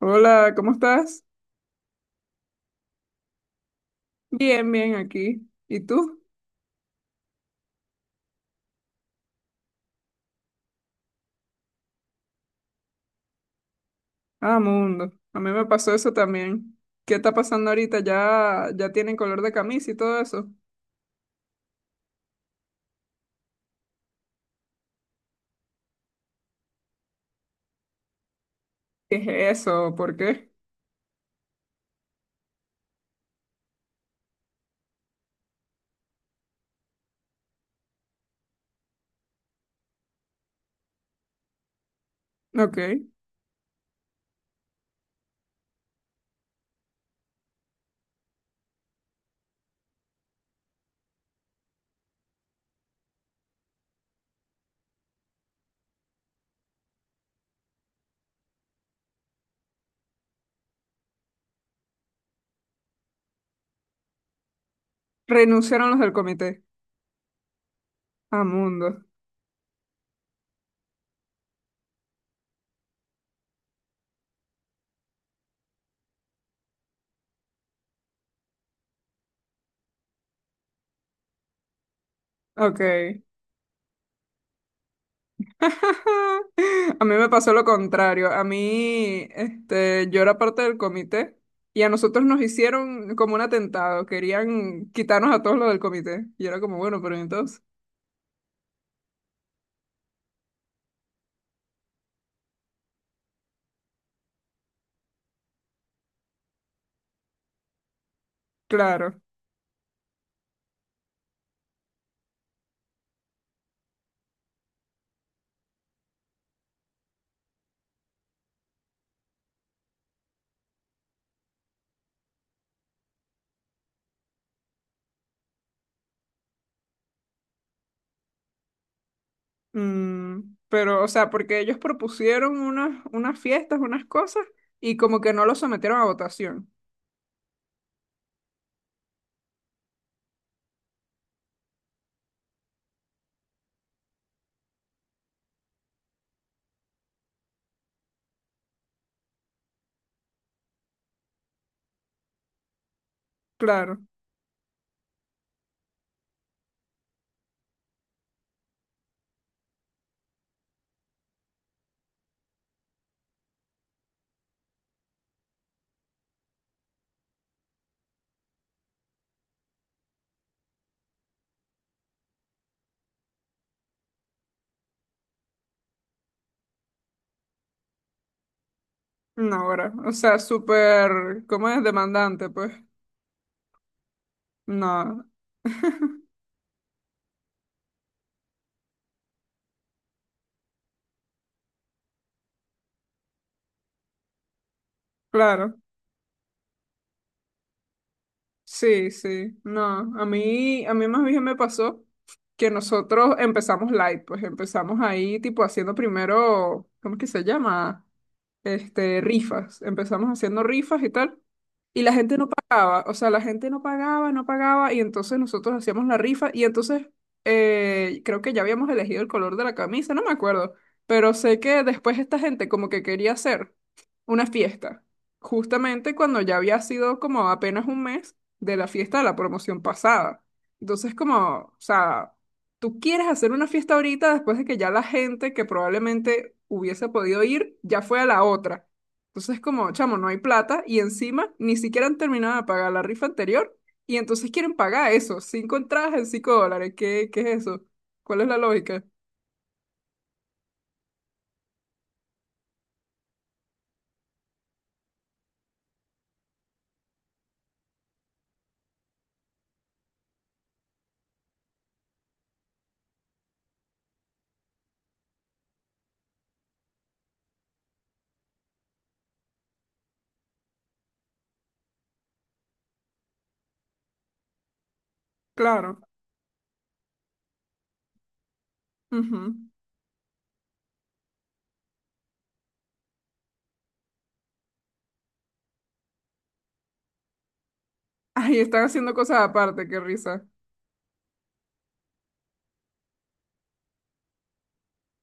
Hola, ¿cómo estás? Bien, bien aquí. ¿Y tú? Ah, mundo. A mí me pasó eso también. ¿Qué está pasando ahorita? ¿Ya tienen color de camisa y todo eso? ¿Qué es eso? ¿Por qué? Ok. Renunciaron los del comité. Ah, mundo. Ok. A mí me pasó lo contrario. A mí, yo era parte del comité y a nosotros nos hicieron como un atentado. Querían quitarnos a todos los del comité. Y era como, bueno, pero entonces, claro. Mm, pero, o sea, porque ellos propusieron unas fiestas, unas cosas, y como que no lo sometieron a votación. Claro, no, ahora. O sea, súper, ¿cómo es? Demandante, pues. No, claro. Sí, sí. No, a mí más bien me pasó que nosotros empezamos light, pues empezamos ahí, tipo, haciendo primero, ¿cómo es que se llama? Este, rifas. Empezamos haciendo rifas y tal. Y la gente no pagaba, o sea, la gente no pagaba, no pagaba, y entonces nosotros hacíamos la rifa, y entonces creo que ya habíamos elegido el color de la camisa, no me acuerdo, pero sé que después esta gente como que quería hacer una fiesta, justamente cuando ya había sido como apenas un mes de la fiesta de la promoción pasada. Entonces como, o sea, tú quieres hacer una fiesta ahorita después de que ya la gente que probablemente hubiese podido ir ya fue a la otra. Entonces, como, chamo, no hay plata y encima ni siquiera han terminado de pagar la rifa anterior y entonces quieren pagar eso, cinco entradas en $5. ¿Qué es eso? ¿Cuál es la lógica? Claro. Ujú. Ay, están haciendo cosas aparte, qué risa.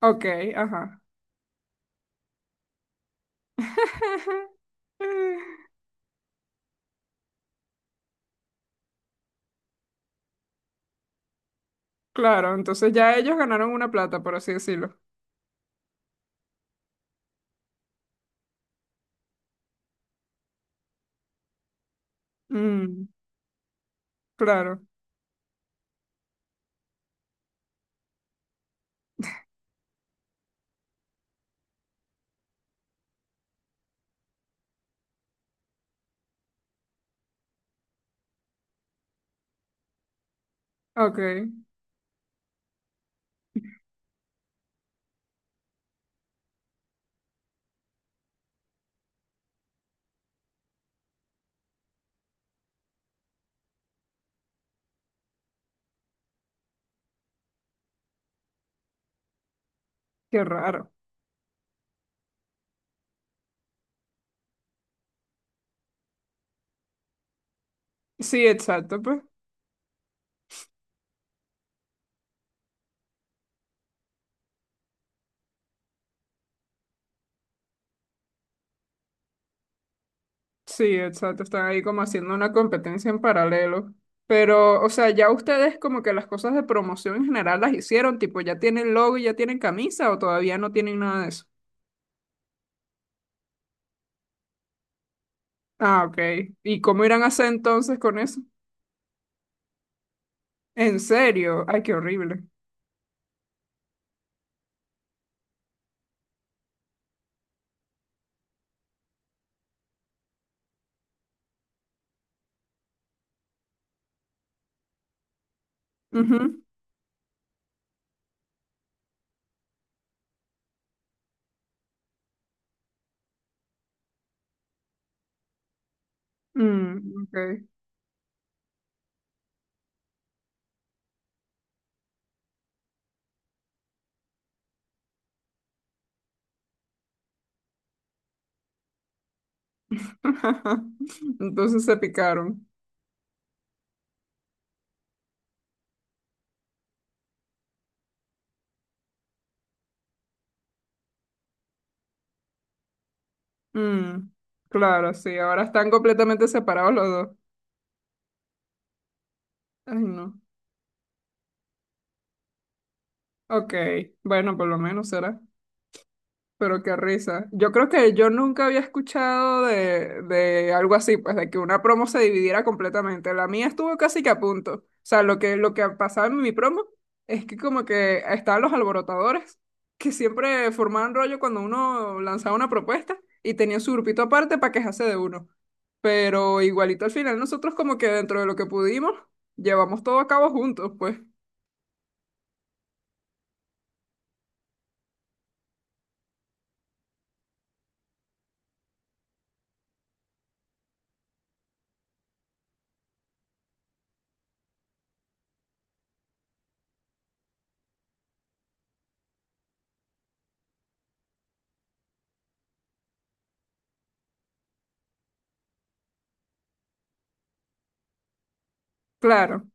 Ok, ajá. Claro, entonces ya ellos ganaron una plata, por así decirlo. Mm, claro. Ok, qué raro. Sí, exacto, pues. Sí, exacto. Están ahí como haciendo una competencia en paralelo. Pero, o sea, ya ustedes como que las cosas de promoción en general las hicieron, tipo, ya tienen logo y ya tienen camisa o todavía no tienen nada de eso. Ah, ok. ¿Y cómo irán a hacer entonces con eso? ¿En serio? Ay, qué horrible. Ujú. Mm, ok. Entonces se picaron. Mm, claro, sí. Ahora están completamente separados los dos. Ay, no. Ok. Bueno, por lo menos será. Pero qué risa. Yo creo que yo nunca había escuchado de algo así, pues de que una promo se dividiera completamente. La mía estuvo casi que a punto. O sea, lo que pasaba en mi promo es que como que estaban los alborotadores, que siempre formaban rollo cuando uno lanzaba una propuesta y tenían su grupito aparte para quejarse de uno. Pero igualito al final nosotros como que dentro de lo que pudimos, llevamos todo a cabo juntos, pues. Claro.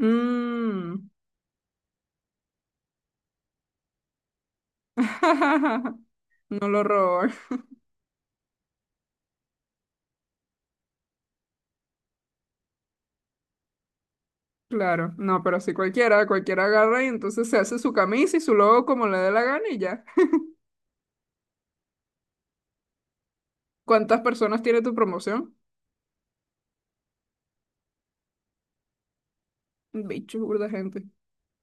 Mm. No lo robó. Claro, no, pero si cualquiera, cualquiera agarra y entonces se hace su camisa y su logo como le dé la gana y ya. ¿Cuántas personas tiene tu promoción? Bicho, burda gente.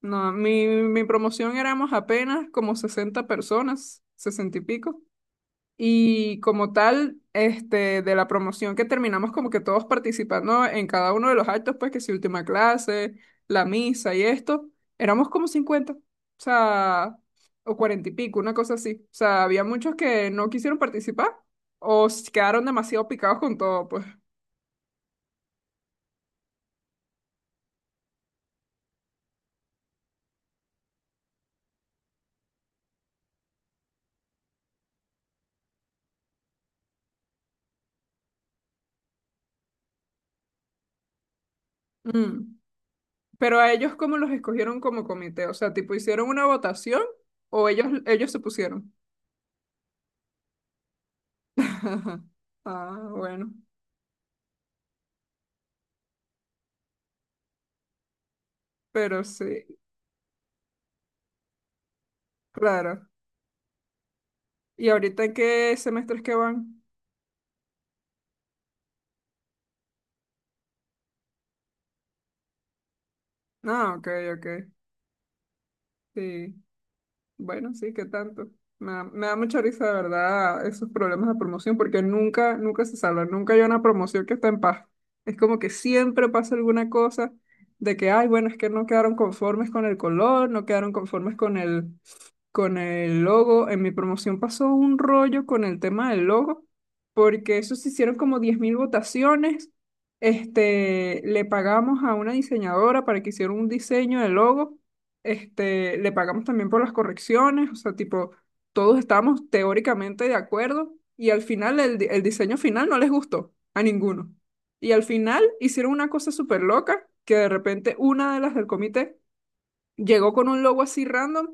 No, mi promoción éramos apenas como 60 personas, 60 y pico. Y como tal, de la promoción que terminamos como que todos participando en cada uno de los actos, pues que si última clase, la misa y esto, éramos como 50 o sea, o 40 y pico, una cosa así. O sea, había muchos que no quisieron participar o se quedaron demasiado picados con todo, pues. Mm. Pero a ellos, ¿cómo los escogieron como comité? O sea, tipo, ¿hicieron una votación o ellos se pusieron? Ah, bueno, pero sí, claro. ¿Y ahorita en qué semestres que van? Ah, ok, ok. Sí. Bueno, sí, qué tanto. Me da mucha risa, de verdad, esos problemas de promoción, porque nunca, nunca se salvan. Nunca hay una promoción que está en paz. Es como que siempre pasa alguna cosa de que, ay, bueno, es que no quedaron conformes con el color, no quedaron conformes con el logo. En mi promoción pasó un rollo con el tema del logo, porque eso se hicieron como 10.000 votaciones. Este, le pagamos a una diseñadora para que hiciera un diseño del logo. Este, le pagamos también por las correcciones, o sea, tipo, todos estábamos teóricamente de acuerdo y al final el, el diseño final no les gustó a ninguno. Y al final hicieron una cosa súper loca que de repente una de las del comité llegó con un logo así random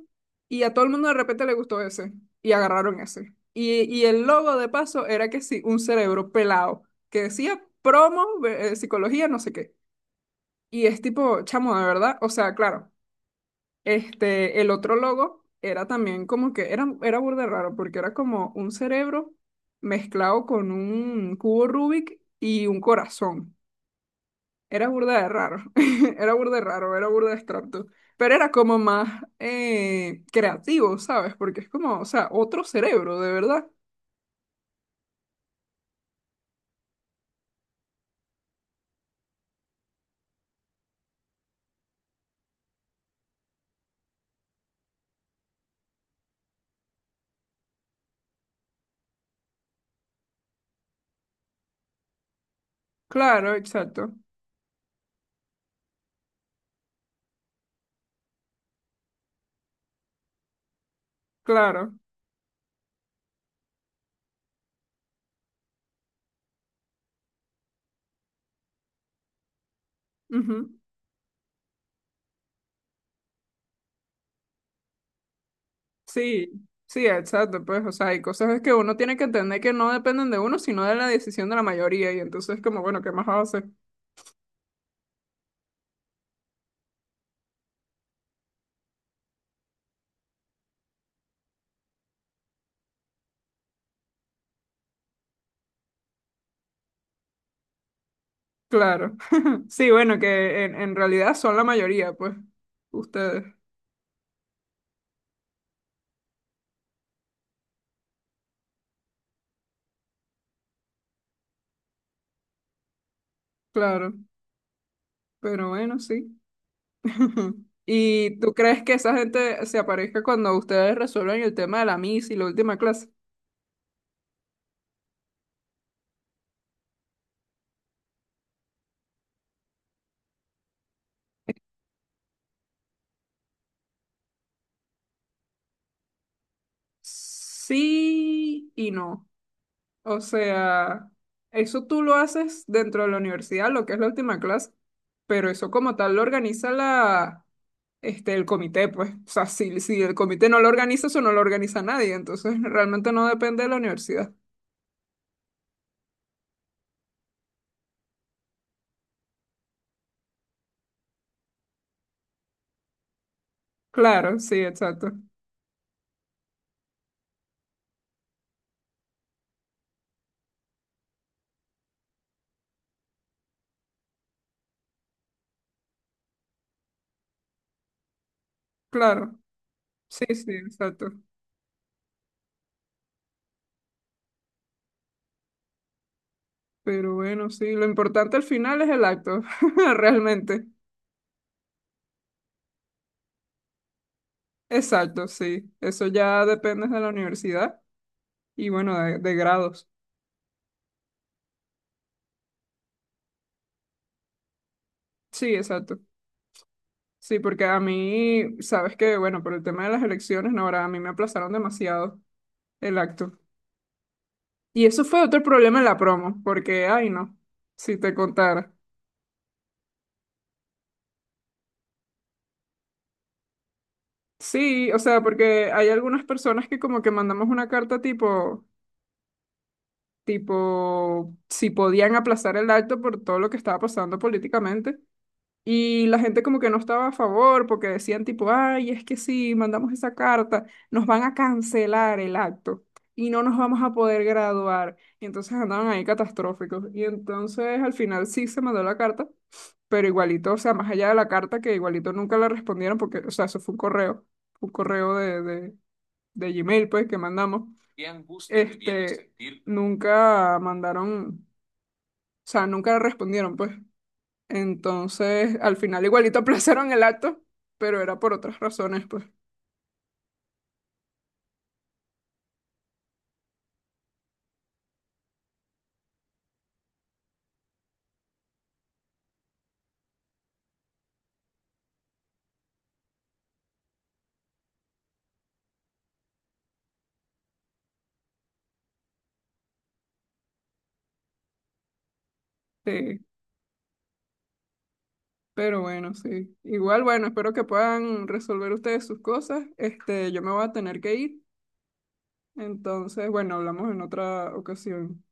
y a todo el mundo de repente le gustó ese y agarraron ese. Y el logo de paso era que sí, un cerebro pelado que decía promo, psicología, no sé qué. Y es tipo, chamo, de verdad, o sea, claro, este, el otro logo era también como que era burda de raro porque era como un cerebro mezclado con un cubo Rubik y un corazón. Era burda de raro, era burda de raro, era burda de extracto, pero era como más creativo, ¿sabes? Porque es como, o sea, otro cerebro, de verdad. Claro, exacto, claro. Ujú. Sí, sí, exacto, pues, o sea, hay cosas que uno tiene que entender que no dependen de uno, sino de la decisión de la mayoría, y entonces como, bueno, ¿qué más hace? Claro. Sí, bueno, que en realidad son la mayoría, pues, ustedes, claro, pero bueno, sí. Ujú. ¿Y tú crees que esa gente se aparezca cuando ustedes resuelven el tema de la MIS y la última clase? Sí y no. O sea, eso tú lo haces dentro de la universidad, lo que es la última clase, pero eso como tal lo organiza la, este, el comité, pues. O sea, si el comité no lo organiza, eso no lo organiza nadie. Entonces, realmente no depende de la universidad. Claro, sí, exacto. Claro. Sí, sí, exacto. Pero bueno, sí, lo importante al final es el acto, realmente. Exacto, sí. Eso ya depende de la universidad y bueno, de grados. Sí, exacto. Sí, porque a mí, sabes que, bueno, por el tema de las elecciones, no, ahora a mí me aplazaron demasiado el acto. Y eso fue otro problema en la promo, porque, ay, no, si te contara. Sí, o sea, porque hay algunas personas que como que mandamos una carta tipo, tipo, si podían aplazar el acto por todo lo que estaba pasando políticamente. Y la gente como que no estaba a favor porque decían tipo, ay, es que si mandamos esa carta, nos van a cancelar el acto y no nos vamos a poder graduar. Y entonces andaban ahí catastróficos. Y entonces al final sí se mandó la carta, pero igualito, o sea, más allá de la carta que igualito nunca la respondieron porque, o sea, eso fue un correo de Gmail pues que mandamos. Este, nunca mandaron, o sea, nunca respondieron pues. Entonces, al final igualito aplazaron el acto, pero era por otras razones, pues. Sí, pero bueno, sí. Igual, bueno, espero que puedan resolver ustedes sus cosas. Este, yo me voy a tener que ir. Entonces, bueno, hablamos en otra ocasión.